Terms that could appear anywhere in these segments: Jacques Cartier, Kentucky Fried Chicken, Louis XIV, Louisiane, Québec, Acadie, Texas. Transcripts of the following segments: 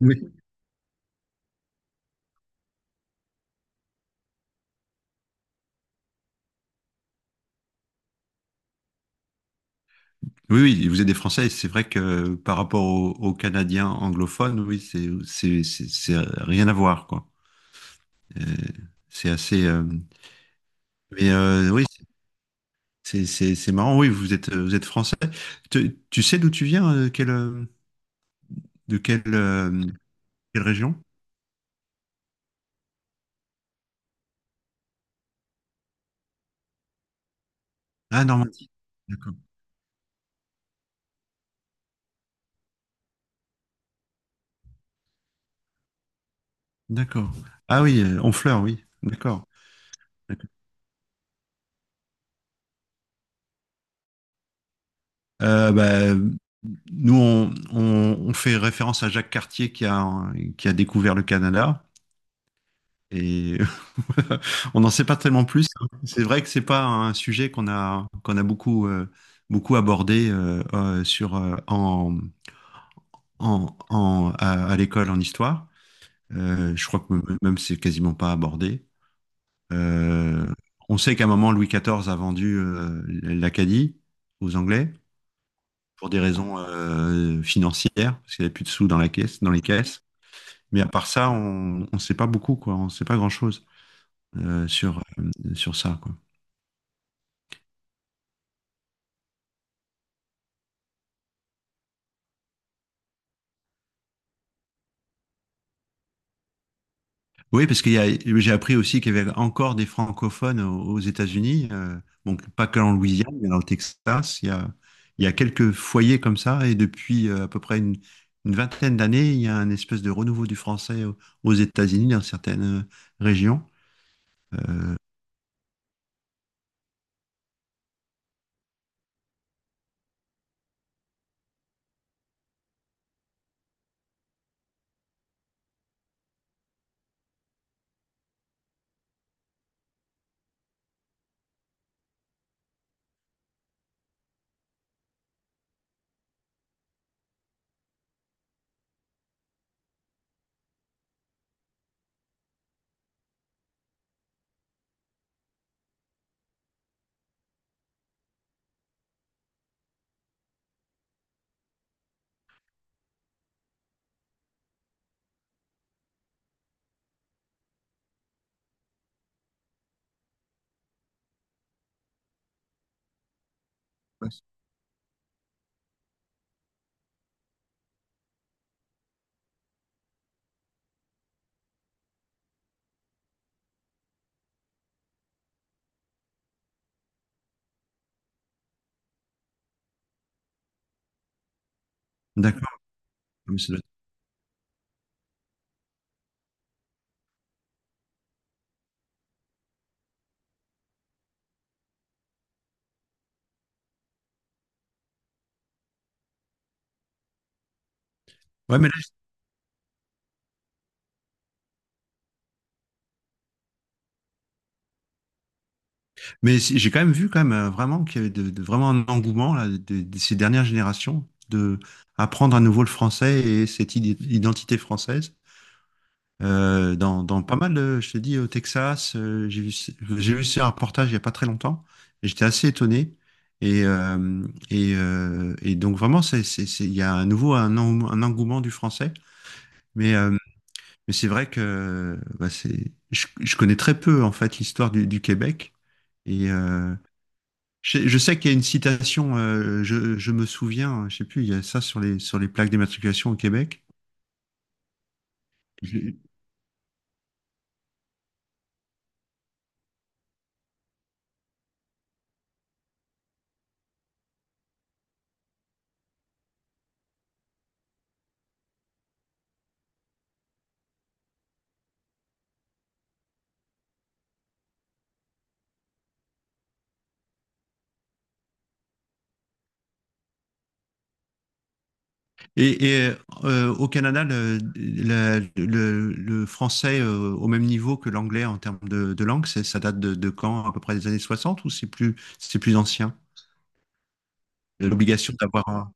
Oui, oui, oui, vous êtes des Français, et c'est vrai que par rapport aux Canadiens anglophones, oui, c'est rien à voir, quoi. Euh, c'est assez. Mais Oui, c'est marrant, oui, vous êtes Français. Tu sais d'où tu viens, de quelle, euh, quelle région? Ah, Normandie. D'accord. D'accord. Ah oui, Honfleur, oui. D'accord. Euh, bah, Nous, on fait référence à Jacques Cartier qui a découvert le Canada. Et voilà. On n'en sait pas tellement plus, hein. C'est vrai que c'est pas un sujet qu'on a beaucoup beaucoup abordé sur en en, en- à l'école en histoire. Je crois que même c'est quasiment pas abordé. Euh, on sait qu'à un moment Louis XIV a vendu l'Acadie aux Anglais pour des raisons financières parce qu'il n'y avait plus de sous dans la caisse dans les caisses. Mais à part ça, on sait pas beaucoup quoi. On sait pas grand-chose sur ça quoi. Oui, parce qu'il y a, j'ai appris aussi qu'il y avait encore des francophones aux États-Unis, donc pas que en Louisiane, mais dans le Texas. Il y a quelques foyers comme ça, et depuis à peu près une vingtaine d'années, il y a un espèce de renouveau du aux États-Unis dans certaines régions. Ouais. D'accord. Mais ça doit- être- Ouais, Mais j'ai quand même vu quand même vraiment qu'il y avait vraiment un engouement là, de ces dernières générations de apprendre à nouveau le français et cette identité française. Dans pas mal, je te dis, au Texas. J'ai vu ce reportage il n'y a pas très longtemps. Et j'étais assez étonné. Et donc vraiment, il y a à nouveau un engouement du français. Mais, euh, mais c'est vrai que bah, je connais très peu en fait l'histoire du Québec. Et euh, je sais qu'il y a une citation, je me souviens, je sais plus, il y a ça sur sur les plaques d'immatriculation au Québec. Et, et, Au Canada, le français au même niveau que l'anglais en termes de langue, ça date de quand? À peu près des années 60, ou c'est plus ancien? L'obligation d'avoir un...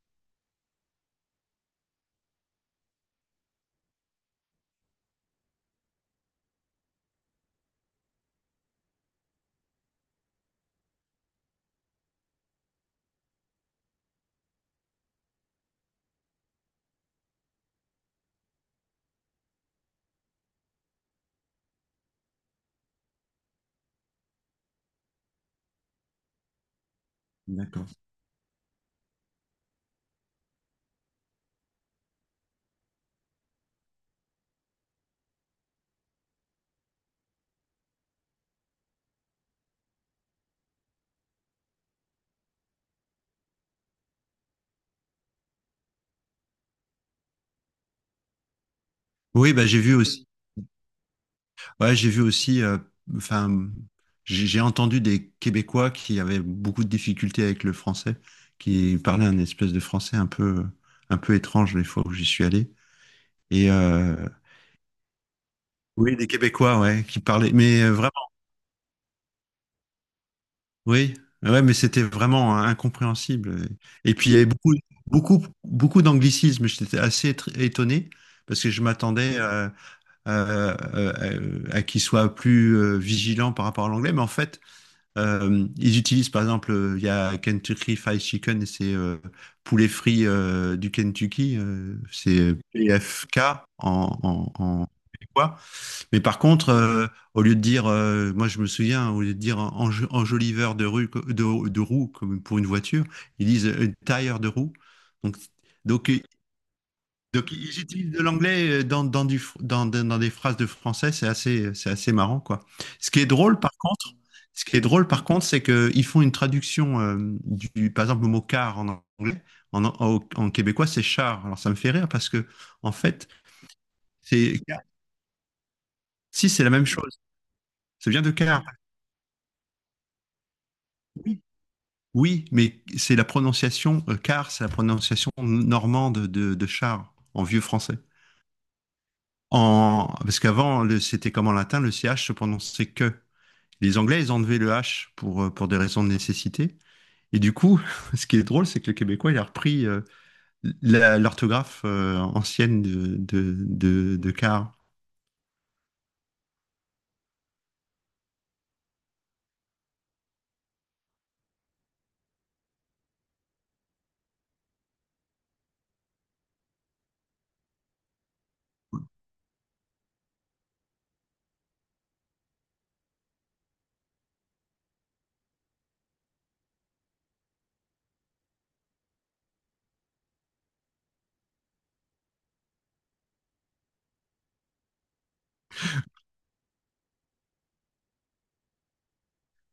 D'accord. Oui, bah, j'ai vu aussi. Ouais, j'ai vu aussi. Enfin, j'ai entendu des Québécois qui avaient beaucoup de difficultés avec le français, qui parlaient un espèce de français un peu étrange les fois où j'y suis allé. Et euh, oui, des Québécois, ouais, qui parlaient, vraiment. Oui, ouais, mais c'était vraiment incompréhensible. Et puis il y avait beaucoup, beaucoup, beaucoup d'anglicisme. J'étais assez étonné parce que je m'attendais à, qu'ils soient plus vigilants par rapport à l'anglais. Mais en fait, ils utilisent par exemple, il y a Kentucky Fried Chicken et c'est poulet frit du Kentucky, c'est PFK en québécois. Mais par contre, au lieu de dire, moi je me souviens, au lieu de dire enjoliveur de rue, de roue comme pour une voiture, ils disent tire de roue. Donc, donc, euh, donc ils utilisent de l'anglais dans, dans, du, fr- dans, dans- dans des phrases de français, c'est assez marrant, quoi. Ce qui est drôle, par contre, Ce qui est drôle, par contre, c'est qu'ils font une traduction par exemple, le mot car en anglais, en québécois, c'est char. Alors ça me fait rire parce que, en fait, c'est, si c'est la même chose, ça vient de car. Oui, mais c'est la prononciation, car c'est la prononciation normande de char en vieux français. Parce qu'avant, c'était comme en latin, le CH se prononçait que. Les Anglais, ils ont enlevé le H pour des raisons de nécessité. Et du coup, ce qui est drôle, c'est que le Québécois, il a repris l'orthographe ancienne de car.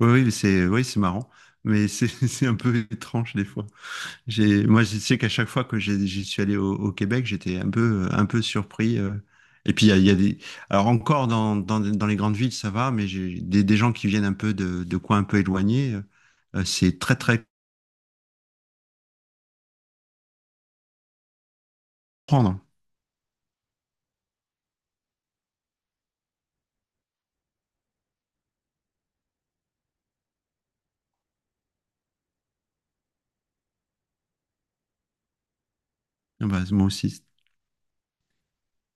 Oui, c'est marrant, mais c'est c'est un peu étrange des fois. Moi, je sais qu'à chaque fois que j'y suis allé au, au Québec, j'étais un peu surpris. Et puis, il y a des. Alors, encore dans les grandes villes, ça va, mais j'ai des gens qui viennent un peu de coins un peu éloignés. C'est très, très prendre. Ah bah, moi aussi,